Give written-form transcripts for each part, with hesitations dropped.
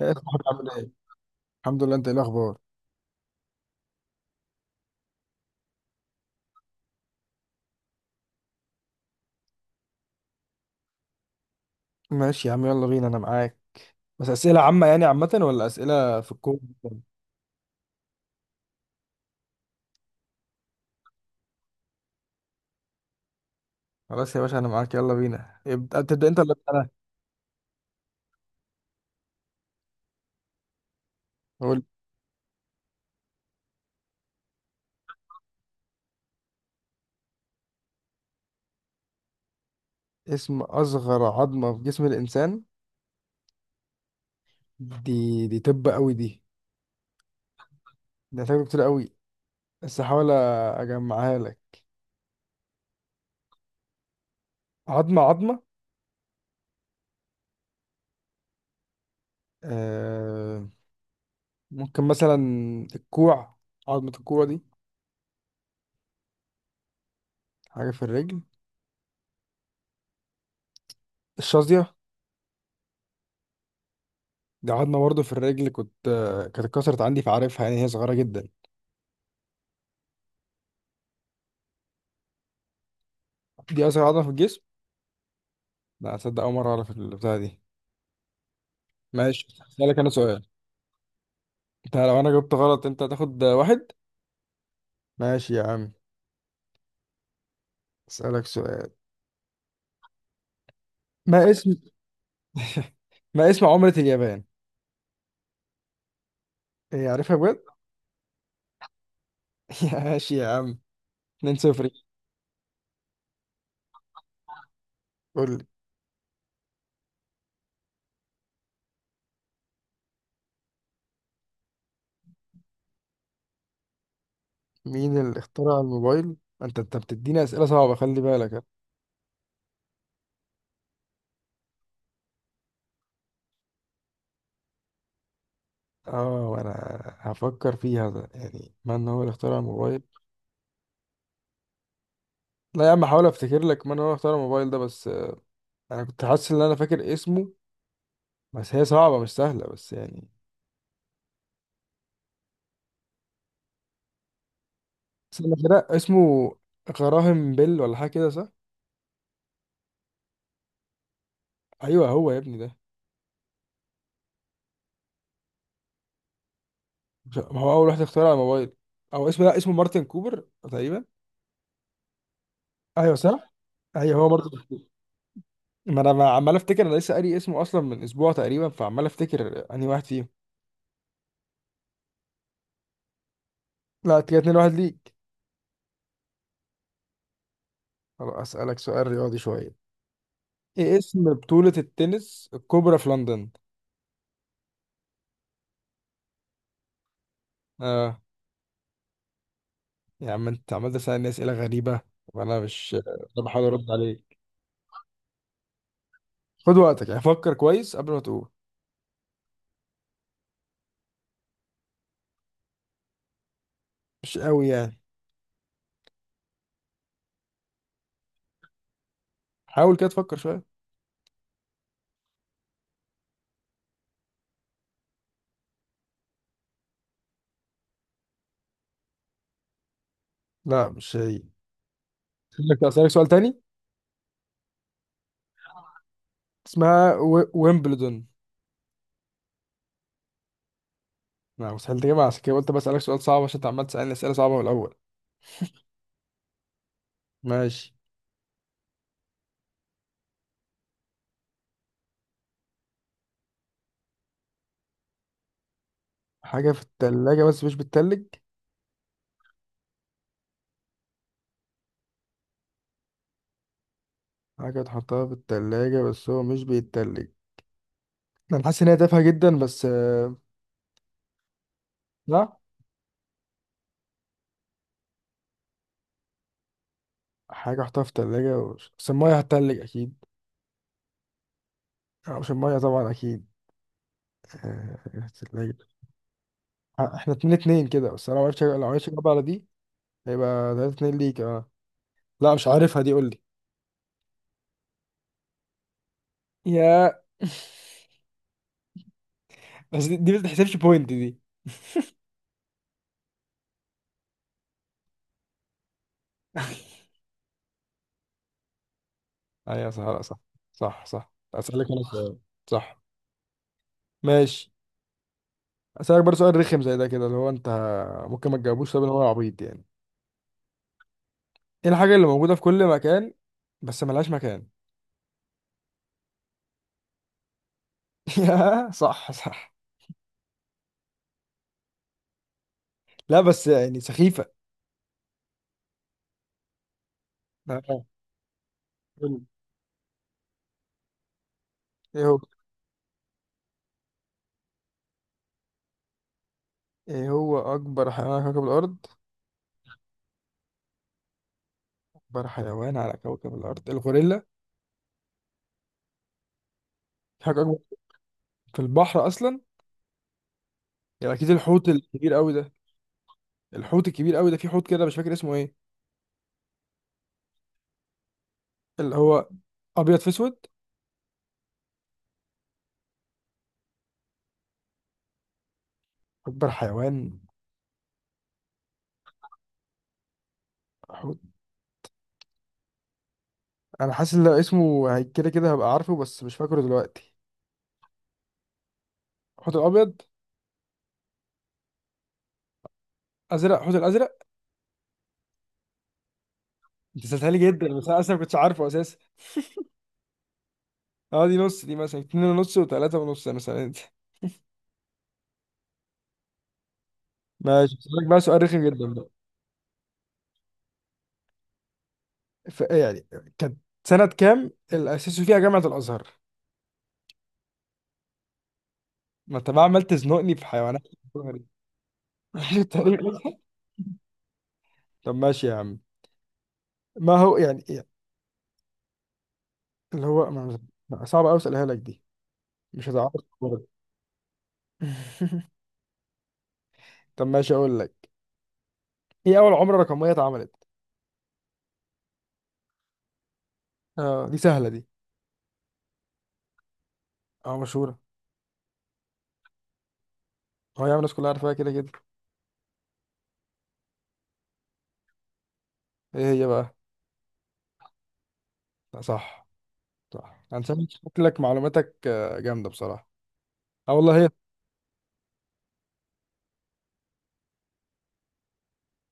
ايه الاخبار؟ عامل ايه؟ الحمد لله، انت ايه الاخبار؟ ماشي يا عم، يلا بينا، انا معاك. بس اسئله عامه يعني، عامه ولا اسئله في الكون؟ خلاص يا باشا، انا معاك يلا بينا، ابدا، تبدا انت ولا أبدأ انا؟ قول. اسم اصغر عظمه في جسم الانسان. دي طب قوي دي. دي هتاخد كتير قوي، بس هحاول اجمعها لك. عظمه عظمه. آه ممكن مثلا الكوع، عظمه الكوع دي. حاجه في الرجل. الشظيه. دي عظمه برضه في الرجل، كنت آه، كانت اتكسرت عندي فعارفها، يعني هي صغيره جدا. دي أسرع عضلة في الجسم؟ لا أصدق، أول مرة أعرف البتاعة دي. ماشي أسألك أنا سؤال. أنت لو أنا جبت غلط أنت هتاخد واحد. ماشي يا عم. أسألك سؤال. ما اسم ما اسم عملة اليابان؟ إيه، عارفها بجد؟ ماشي يا عم. 2-0. قول لي مين اللي اخترع الموبايل؟ أنت بتديني أسئلة صعبة، خلي بالك. اه، وانا هفكر فيها، ده يعني من هو اللي اخترع الموبايل. لا يا عم، هحاول افتكر لك من هو اللي اخترع الموبايل ده، بس. انا كنت حاسس ان انا فاكر اسمه، بس هي صعبة مش سهلة بس يعني. استنى كده، اسمه غراهم بيل ولا حاجه كده، صح؟ ايوه هو يا ابني ده. ما هو اول واحد اخترع على الموبايل، او اسمه لا، اسمه مارتن كوبر تقريبا. ايوه صح. ايوه هو مارتن كوبر. ما انا عمال افتكر، انا لسه قاري اسمه اصلا من اسبوع تقريبا، فعمال افتكر انهي واحد فيهم. لا كده 2 واحد ليك. خلاص اسالك سؤال رياضي شويه. ايه اسم بطوله التنس الكبرى في لندن؟ اه. يا عم انت عمال تسالني اسئله غريبه، وانا مش، انا بحاول ارد عليك. خد وقتك يعني، فكر كويس قبل ما تقول. مش قوي يعني. حاول كده تفكر شوية. لا مش هي. أسألك سؤال تاني. اسمها ويمبلدون. لا مستحيل تجيبها، عشان كده قلت بسألك سؤال صعب عشان أنت عمال تسألني أسئلة صعبة من الأول. ماشي. حاجة في التلاجة بس مش بتتلج. حاجة تحطها في التلاجة بس هو مش بيتلج. أنا حاسس إن هي تافهة جدا بس. لا. حاجة أحطها في التلاجة بس المية هتتلج أكيد. أو مش المية طبعا، أكيد. آه، التلاجة. إحنا 2-2 كده، بس أنا لو معرفش أجاوب على دي. هيبقى 3-2 ليك أه. لا مش عارفها دي، قول. يا بس دي ما تحسبش بوينت دي. ايوه صح، لا صح. صح صح، اسالك انا سؤال. صح. ماشي. اسألك برضه سؤال رخم زي ده كده، اللي هو انت ممكن ما تجاوبوش، طب هو عبيط يعني. ايه الحاجة اللي موجودة في كل مكان بس ملهاش مكان؟ يا، صح صح. لا بس يعني سخيفة. آه. قول لي. ايه هو ايه هو اكبر حيوان على كوكب الارض؟ اكبر حيوان على كوكب الارض، الغوريلا؟ في حاجة اكبر؟ في البحر اصلا. يبقى اكيد الحوت الكبير قوي ده. الحوت الكبير قوي ده، في حوت كده مش فاكر اسمه ايه. اللي هو ابيض في اسود. اكبر حيوان حوت. انا حاسس ان لو اسمه كده كده هبقى عارفه بس مش فاكره دلوقتي. حوت الابيض. ازرق، حوت الازرق. انت سالتها لي جدا، بس انا اصلا ما كنتش عارفه اساسا. اه دي نص، دي مثلا اتنين ونص وتلاته ونص مثلا انت. ماشي هسألك بقى سؤال رخم جدا بقى. يعني كانت، سنة كام اللي أسسوا فيها جامعة الأزهر؟ ما أنت بقى عمال تزنقني في حيوانات، تاريخ الأزهر؟ طب ماشي يا عم. ما هو يعني إيه؟ اللي هو صعب أوي أسألها لك دي، مش هتعرف برضه. طب ماشي اقول لك، ايه اول عملة رقمية اتعملت؟ اه دي سهلة دي. اه مشهورة. هو يا عم الناس كلها عارفاها كده كده. ايه هي بقى؟ لا صح صح، انا شايف شكلك معلوماتك جامدة بصراحة. اه والله هي.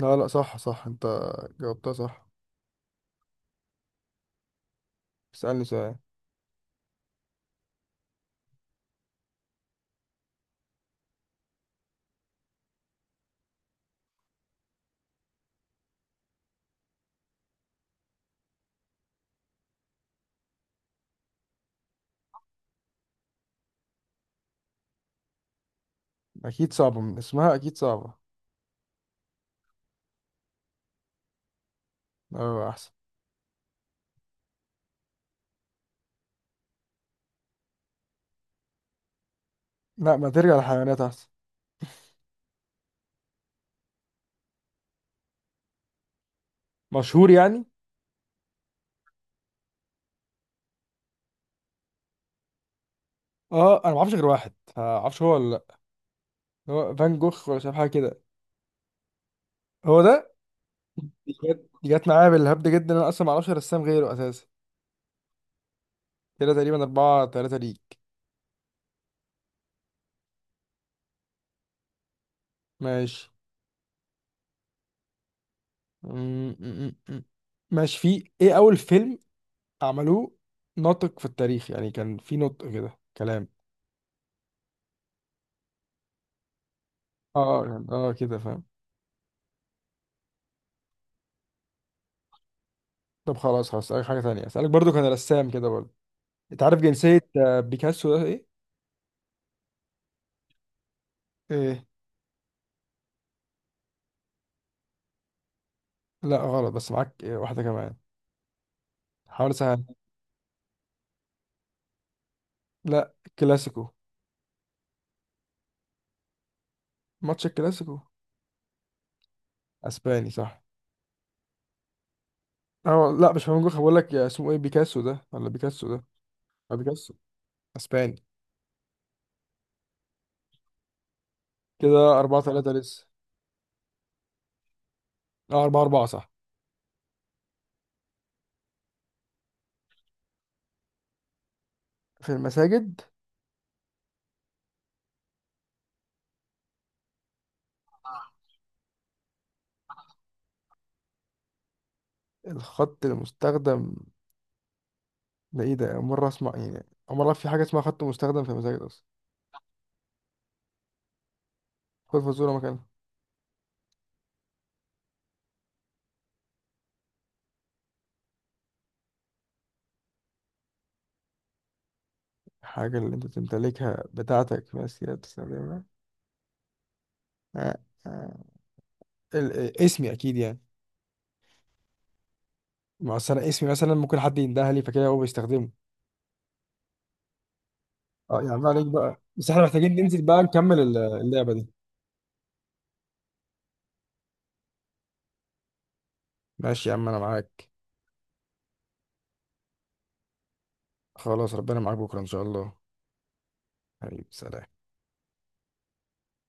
لا لا صح صح، انت جاوبتها صح. اسألني سؤال. اكيد صعبة من اسمها اكيد صعبة. اه احسن. لا ما ترجع للحيوانات احسن. مشهور يعني. اه انا ما اعرفش غير واحد، ما اعرفش هو ولا لا. هو فان جوخ ولا، شايف حاجة كده. هو ده. جت جت معايا بالهبد جدا، انا اصلا ما اعرفش رسام غيره اساسا. كده تقريبا 4-3 ليك. ماشي. م- م- م- م. ماشي. في إيه أول فيلم عملوه ناطق في التاريخ، يعني كان في نطق كده كلام. اه، اه كده فاهم. طب خلاص هسألك حاجة تانية أسألك برضو، كان رسام كده برضو. أنت عارف جنسية بيكاسو ده إيه؟ إيه؟ لا غلط، بس معاك واحدة كمان. حاول أسهل. لا كلاسيكو. ماتش الكلاسيكو. اسباني؟ صح. اه لا مش فاهم، بقول لك اسمه ايه بيكاسو ده ولا بيكاسو ده. اه بيكاسو. اسباني. كده 4-3 لسه. اه 4-4 صح. في المساجد. الخط المستخدم، ده ايه؟ ده أول مرة اسمع يعني، أول مرة في حاجة اسمها خط مستخدم في المساجد أصلا. خد فزورة مكانها. الحاجة اللي أنت تمتلكها، بتاعتك بس هي بتستخدمها. آه، آه. ال- اسمي اكيد يعني. ما أصل أنا اسمي مثلا ممكن حد يندهلي لي فكده هو بيستخدمه. اه يا عم عليك بقى، بس احنا محتاجين ننزل بقى نكمل اللعبة دي. ماشي يا عم أنا معاك. خلاص ربنا معاك بكرة إن شاء الله. حبيبي سلام.